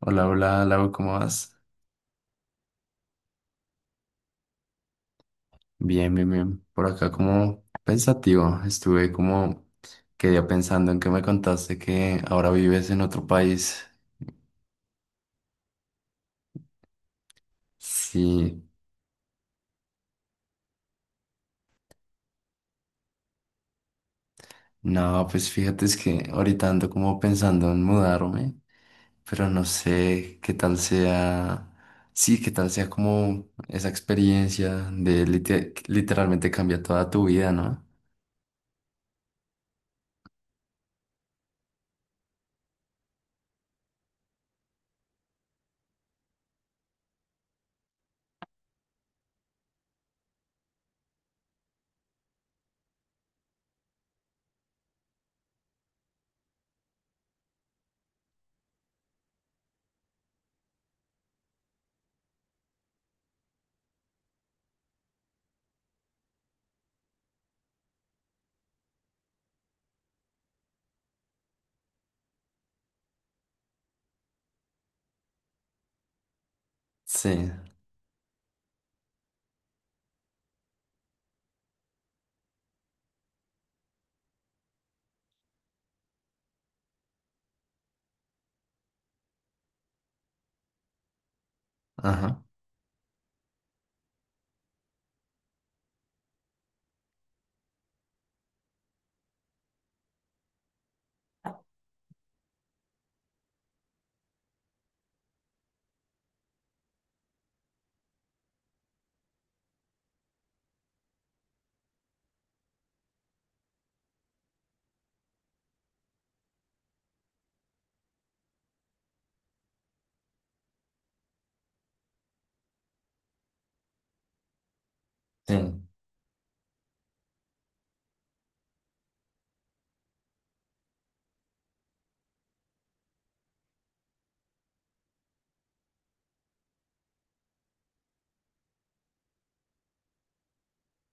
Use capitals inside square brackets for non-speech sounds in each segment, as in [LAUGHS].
Hola, hola, Lau, ¿cómo vas? Bien, bien, bien. Por acá como pensativo, estuve como, quedé pensando en que me contaste que ahora vives en otro país. Sí, no, pues fíjate es que ahorita ando como pensando en mudarme, pero no sé qué tal sea, sí, qué tal sea como esa experiencia de literalmente cambia toda tu vida, ¿no? Sí, ajá. Sí,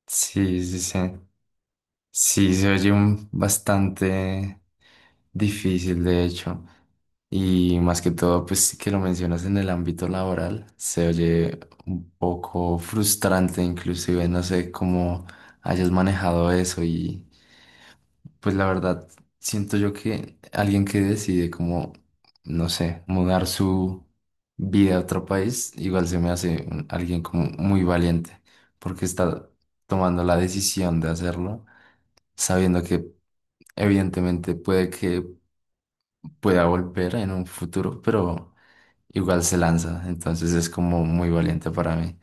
sí, sí, sí. Sí, se oye un bastante difícil, de hecho. Y más que todo, pues sí que lo mencionas en el ámbito laboral, se oye un poco frustrante, inclusive no sé cómo hayas manejado eso y pues la verdad, siento yo que alguien que decide como, no sé, mudar su vida a otro país, igual se me hace alguien como muy valiente, porque está tomando la decisión de hacerlo, sabiendo que evidentemente puede que pueda volver en un futuro, pero igual se lanza, entonces es como muy valiente para mí.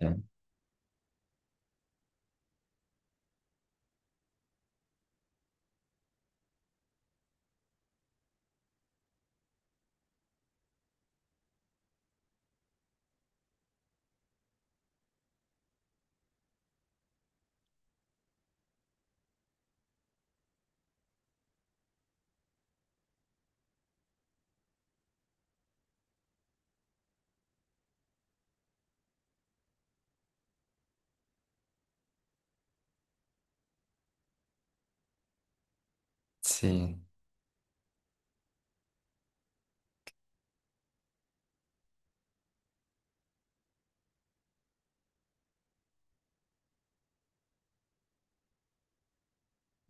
Ya. Sí,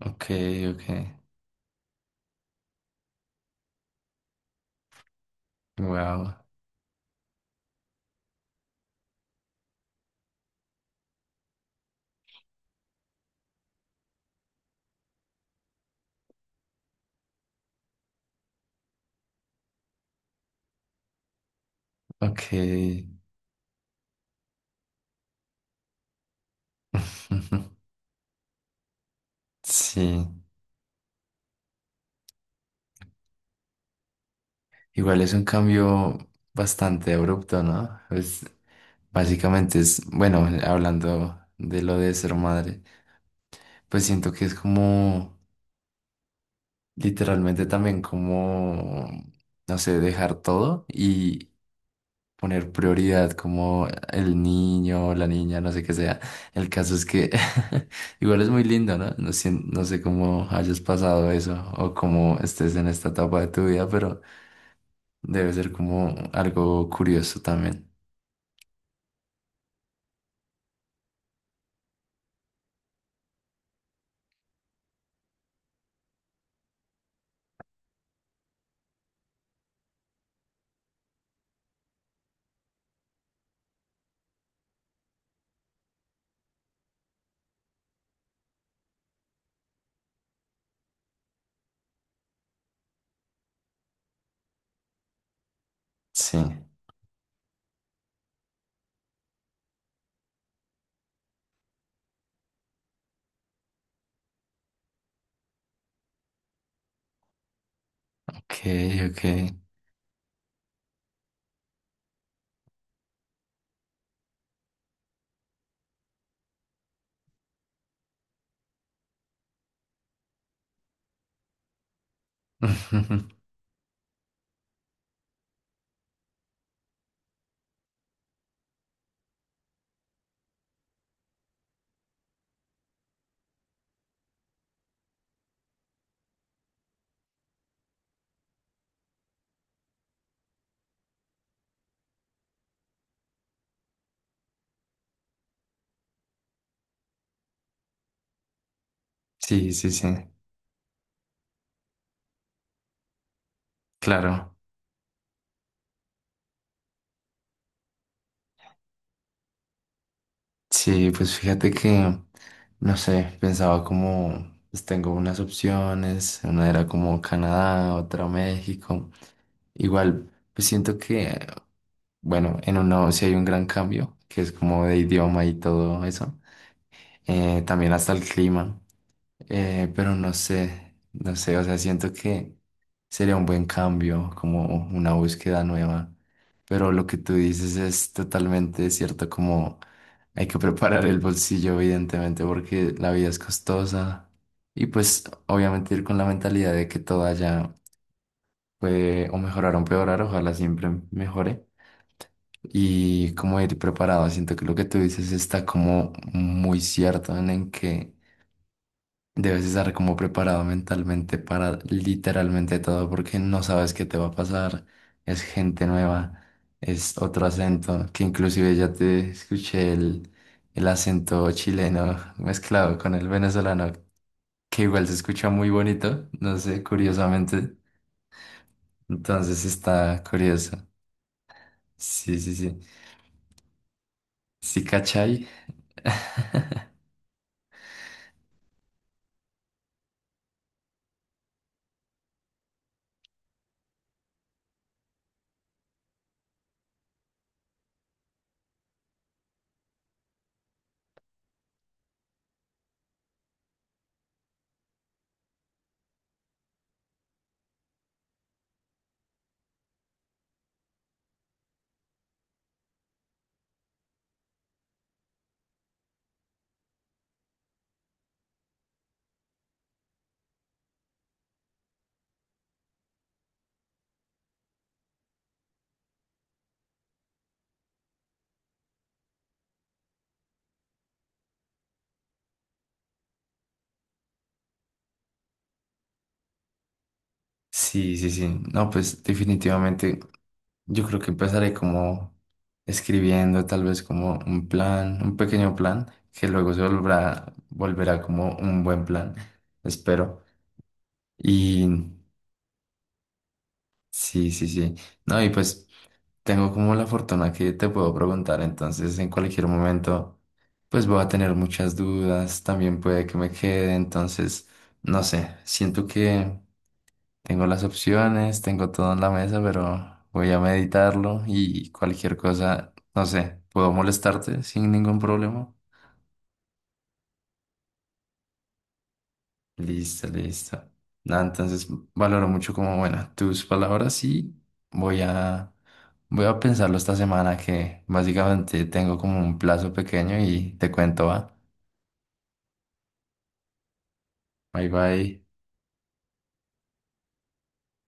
ok, ok, wow, ok. [LAUGHS] Sí, igual es un cambio bastante abrupto, ¿no? Pues básicamente es, bueno, hablando de lo de ser madre, pues siento que es como, literalmente también como, no sé, dejar todo y poner prioridad como el niño, la niña, no sé qué sea. El caso es que [LAUGHS] igual es muy lindo, ¿no? No sé, no sé cómo hayas pasado eso o cómo estés en esta etapa de tu vida, pero... Debe ser como algo curioso también. Sí, ok, ok. [LAUGHS] Ujú. Sí, sí, sí, claro. Sí, pues fíjate que, no sé, pensaba como, pues tengo unas opciones, una era como Canadá, otra México. Igual, pues siento que, bueno, en uno sí hay un gran cambio, que es como de idioma y todo eso. También hasta el clima. Pero no sé, no sé, o sea, siento que sería un buen cambio, como una búsqueda nueva. Pero lo que tú dices es totalmente cierto, como hay que [LAUGHS] preparar el bolsillo, evidentemente, porque la vida es costosa. Y pues obviamente ir con la mentalidad de que todo allá puede o mejorar o empeorar, ojalá siempre mejore. Y como ir preparado, siento que lo que tú dices está como muy cierto en que debes estar como preparado mentalmente para literalmente todo porque no sabes qué te va a pasar. Es gente nueva, es otro acento, que inclusive ya te escuché el acento chileno mezclado con el venezolano, que igual se escucha muy bonito, no sé, curiosamente. Entonces está curioso. Sí, sí, sí. Sí, cachai. [LAUGHS] Sí, sí, sí. No, pues definitivamente yo creo que empezaré como escribiendo tal vez como un plan, un pequeño plan, que luego se volverá, volverá como un buen plan, espero. Y sí, sí, sí. No, y pues tengo como la fortuna que te puedo preguntar, entonces en cualquier momento pues voy a tener muchas dudas, también puede que me quede, entonces no sé, siento que... Tengo las opciones, tengo todo en la mesa, pero voy a meditarlo y cualquier cosa, no sé, puedo molestarte sin ningún problema. Listo, listo. Nada, entonces valoro mucho como, bueno, tus palabras y voy a, voy a pensarlo esta semana que básicamente tengo como un plazo pequeño y te cuento, va. Bye bye.